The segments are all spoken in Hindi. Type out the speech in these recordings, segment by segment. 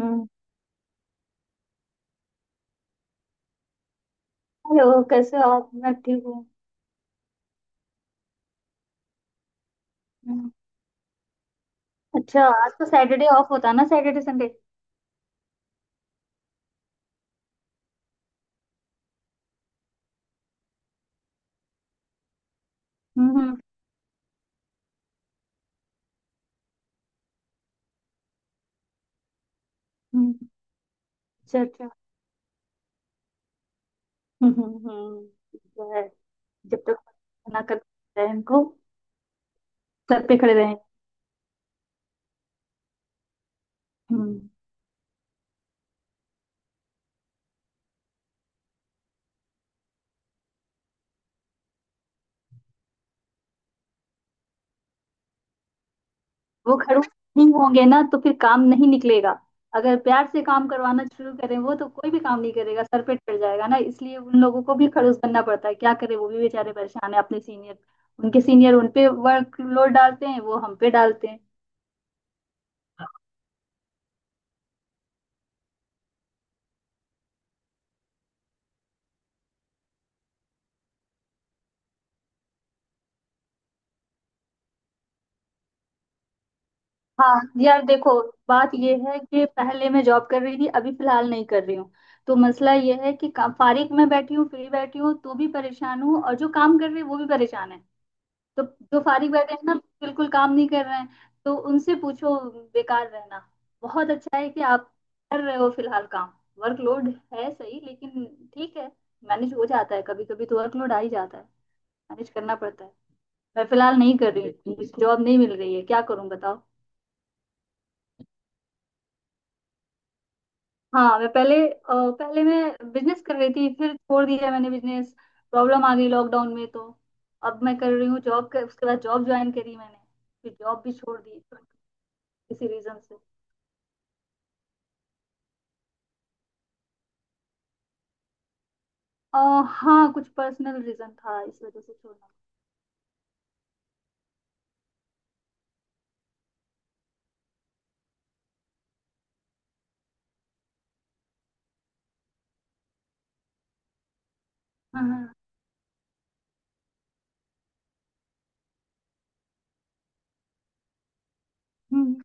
हम्म। हेलो, कैसे हो आप? मैं ठीक हूँ। हम्म। अच्छा, आज तो सैटरडे ऑफ होता ना? Saturday Sunday. हम्म, हम्म। अच्छा, अच्छा। हम्म, जो है, जब तक ना करते हैं इनको, सर पे खड़े रहें। हम्म। वो खड़ूस नहीं होंगे ना तो फिर काम नहीं निकलेगा। अगर प्यार से काम करवाना शुरू करें वो, तो कोई भी काम नहीं करेगा, सर पे चढ़ जाएगा ना। इसलिए उन लोगों को भी खड़ूस बनना पड़ता है, क्या करें, वो भी बेचारे परेशान है। अपने सीनियर, उनके सीनियर उन पे वर्कलोड डालते हैं, वो हम पे डालते हैं। हाँ, यार देखो, बात ये है कि पहले मैं जॉब कर रही थी, अभी फिलहाल नहीं कर रही हूँ। तो मसला ये है कि फारिग में बैठी हूँ, फ्री बैठी हूँ तो भी परेशान हूँ, और जो काम कर रही है वो भी परेशान है। तो जो फारिग बैठे हैं ना, बिल्कुल काम नहीं कर रहे हैं, तो उनसे पूछो। बेकार रहना। बहुत अच्छा है कि आप कर रहे हो फिलहाल काम। वर्कलोड है सही, लेकिन ठीक है, मैनेज हो जाता है। कभी कभी तो वर्कलोड आ ही जाता है, मैनेज करना पड़ता है। मैं फिलहाल नहीं कर रही हूँ, जॉब नहीं मिल रही है, क्या करूँ बताओ। हाँ, पहले मैं बिजनेस कर रही थी, फिर छोड़ दिया मैंने बिजनेस। प्रॉब्लम आ गई लॉकडाउन में, तो अब मैं कर रही हूँ जॉब कर, उसके बाद जॉब ज्वाइन करी मैंने, फिर जॉब भी छोड़ दी, किसी रीजन से। अ, हाँ, कुछ पर्सनल रीजन था, इस वजह से छोड़ना। हाँ, हाँ, हम्म।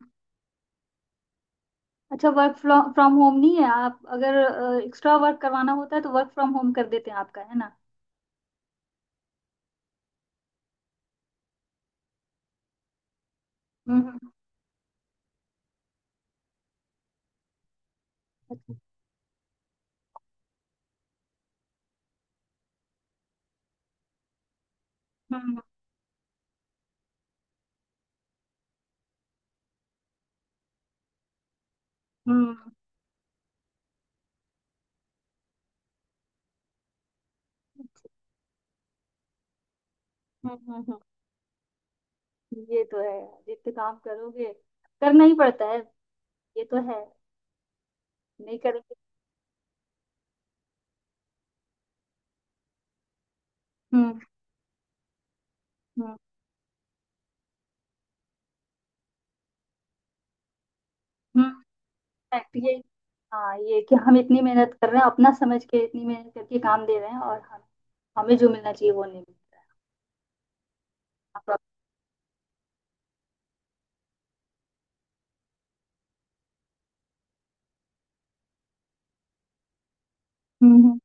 अच्छा, वर्क फ्रॉम होम नहीं है आप? अगर एक्स्ट्रा वर्क करवाना होता है तो वर्क फ्रॉम होम कर देते हैं आपका, है ना? हम्म, हम्म, हम्म, हम्म, हम्म, हम्म, हम्म। ये तो है। जितने काम करोगे, करना ही पड़ता है। ये तो है। नहीं करेंगे। हम्म, हम्म, हम्म। fact ये हाँ, ये कि हम इतनी मेहनत कर रहे हैं, अपना समझ के इतनी मेहनत करके काम दे रहे हैं, और हम हमें जो मिलना चाहिए वो नहीं मिल रहा है। हाँ, प्रॉब्लम। हम्म,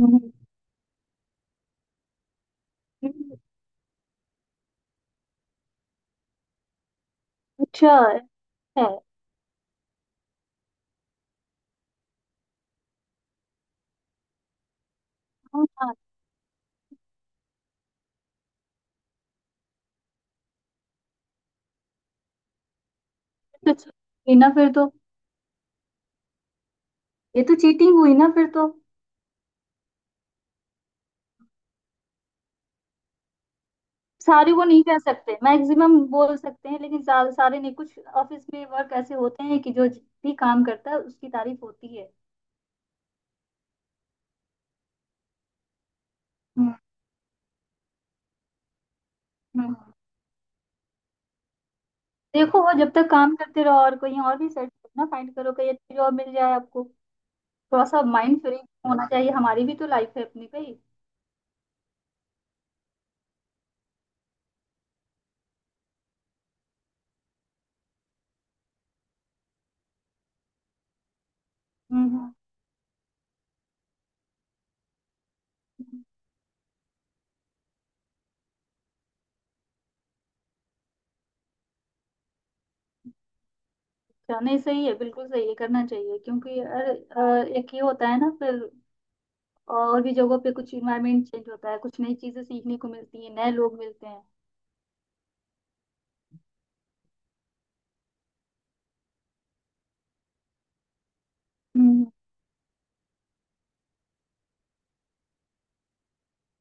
हम्म, हम्म। अच्छा है। हाँ, हाँ, ये तो चीटिंग हुई ना फिर तो! ये तो चीटिंग हुई ना फिर तो! सारे को नहीं कह सकते, मैक्सिमम बोल सकते हैं, लेकिन सारे सारे नहीं। कुछ ऑफिस में वर्क ऐसे होते हैं कि जो भी काम करता है उसकी तारीफ होती है। हम्म, हम्म। देखो, और जब तक काम करते रहो और कहीं और भी सर्च करो ना, फाइंड करो, कहीं अच्छी जॉब मिल जाए आपको। थोड़ा सा माइंड फ्री होना चाहिए, हमारी भी तो लाइफ है अपनी, भाई। हम्म, हम्म। अच्छा, नहीं, सही है, बिल्कुल सही है, करना चाहिए, क्योंकि अरे, एक ये होता है ना, फिर और भी जगहों पे कुछ इन्वायरमेंट चेंज होता है, कुछ नई चीजें सीखने को मिलती है, नए लोग मिलते हैं। हम्म,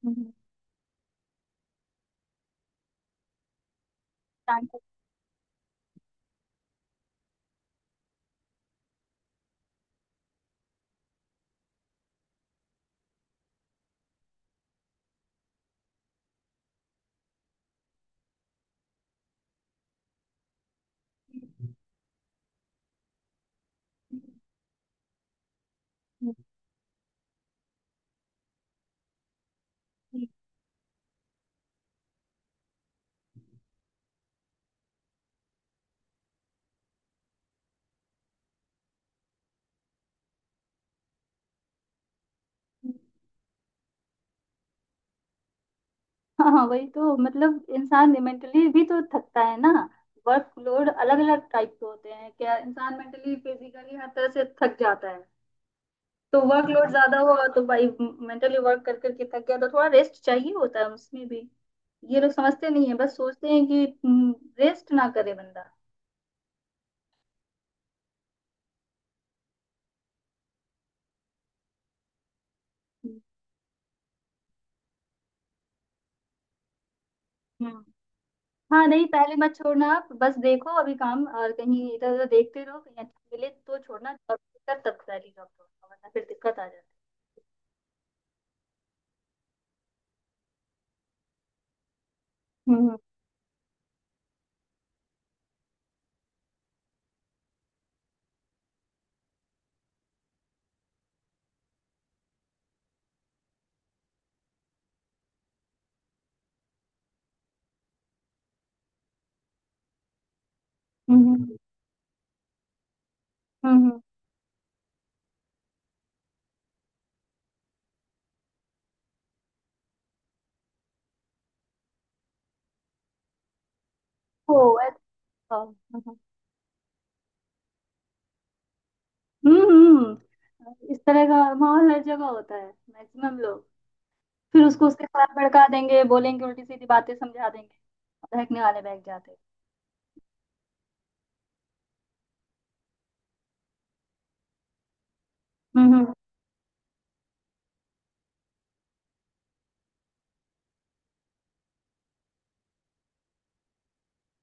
हम्म, हम्म। हाँ, हाँ, वही तो। मतलब इंसान मेंटली भी तो थकता है ना। वर्क लोड अलग अलग टाइप के होते हैं, क्या इंसान मेंटली फिजिकली हर तरह से थक जाता है। तो वर्क लोड ज्यादा हुआ तो भाई मेंटली वर्क कर करके थक गया, तो थोड़ा रेस्ट चाहिए होता है उसमें भी। ये लोग समझते नहीं है, बस सोचते हैं कि रेस्ट ना करे बंदा। हम्म। हाँ, नहीं, पहले मत छोड़ना आप, बस देखो अभी काम और कहीं इधर उधर देखते रहो, कहीं अच्छा मिले तो छोड़ना, और दिक्कत तब सारी जॉब छोड़ना, वरना फिर दिक्कत आ जाती है। हम्म, हम्म, हम्म, ओ, अच्छा। हम्म, हम्म। इस तरह का माहौल हर जगह होता है, मैक्सिमम लोग। फिर उसको उसके साथ भड़का देंगे, बोलेंगे उल्टी सीधी बातें, समझा देंगे। बहकने वाले बहक जाते हैं। हम्म, हम्म,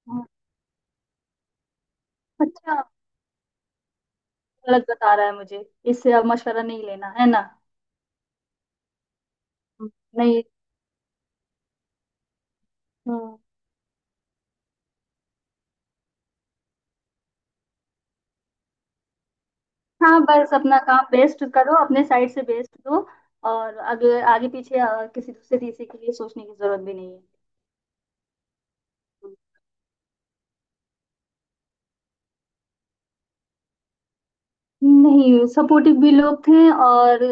हम्म। अच्छा, गलत बता रहा है मुझे, इससे अब मशवरा नहीं लेना है ना। हम्म। नहीं। हम्म। हाँ, बस अपना काम बेस्ट करो, अपने साइड से बेस्ट दो, और अगले आगे पीछे किसी दूसरे तीसरे के लिए सोचने की जरूरत भी नहीं है। नहीं, सपोर्टिव भी लोग थे और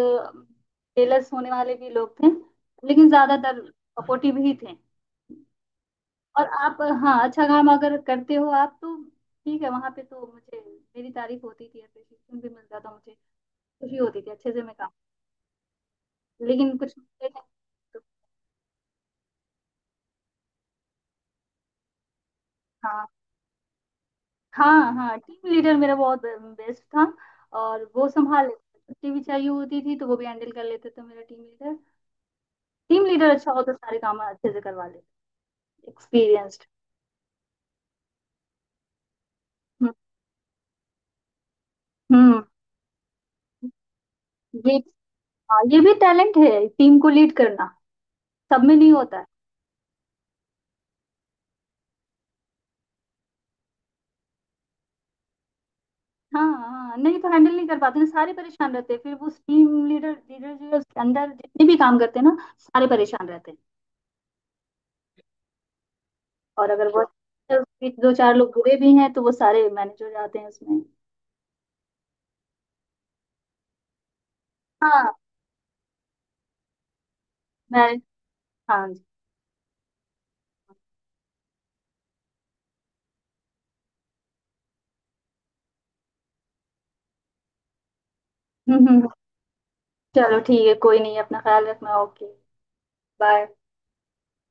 जेलस होने वाले भी लोग थे, लेकिन ज्यादातर सपोर्टिव ही थे। और आप। हाँ, अच्छा काम अगर करते हो आप तो ठीक है, वहां पे तो मुझे मेरी तारीफ होती थी, अप्रिसिएशन भी मिलता था मुझे। खुशी होती थी, अच्छे से मैं काम। लेकिन कुछ मिलते नहीं तो। हाँ, हाँ, हाँ, टीम लीडर मेरा बहुत बेस्ट था। और वो संभाल लेते थे। छुट्टी भी चाहिए होती थी तो वो भी हैंडल कर लेते थे, मेरा टीम लीडर। टीम लीडर अच्छा हो तो सारे काम अच्छे से करवा लेते, एक्सपीरियंस्ड। हम्म। ये हाँ, ये भी टैलेंट है, टीम को लीड करना, सब में नहीं होता है। हाँ, हाँ, नहीं तो हैंडल नहीं कर पाते ना, सारे परेशान रहते हैं, फिर वो टीम लीडर लीडर जो है, उसके अंदर जितने भी काम करते हैं ना, सारे परेशान रहते हैं। और अगर वो उसमें दो चार लोग बुरे भी हैं तो वो सारे मैनेज हो जाते हैं उसमें। हाँ, मैं। हाँ जी। हम्म, हम्म। चलो ठीक है, कोई नहीं, अपना ख्याल रखना। ओके। बाय।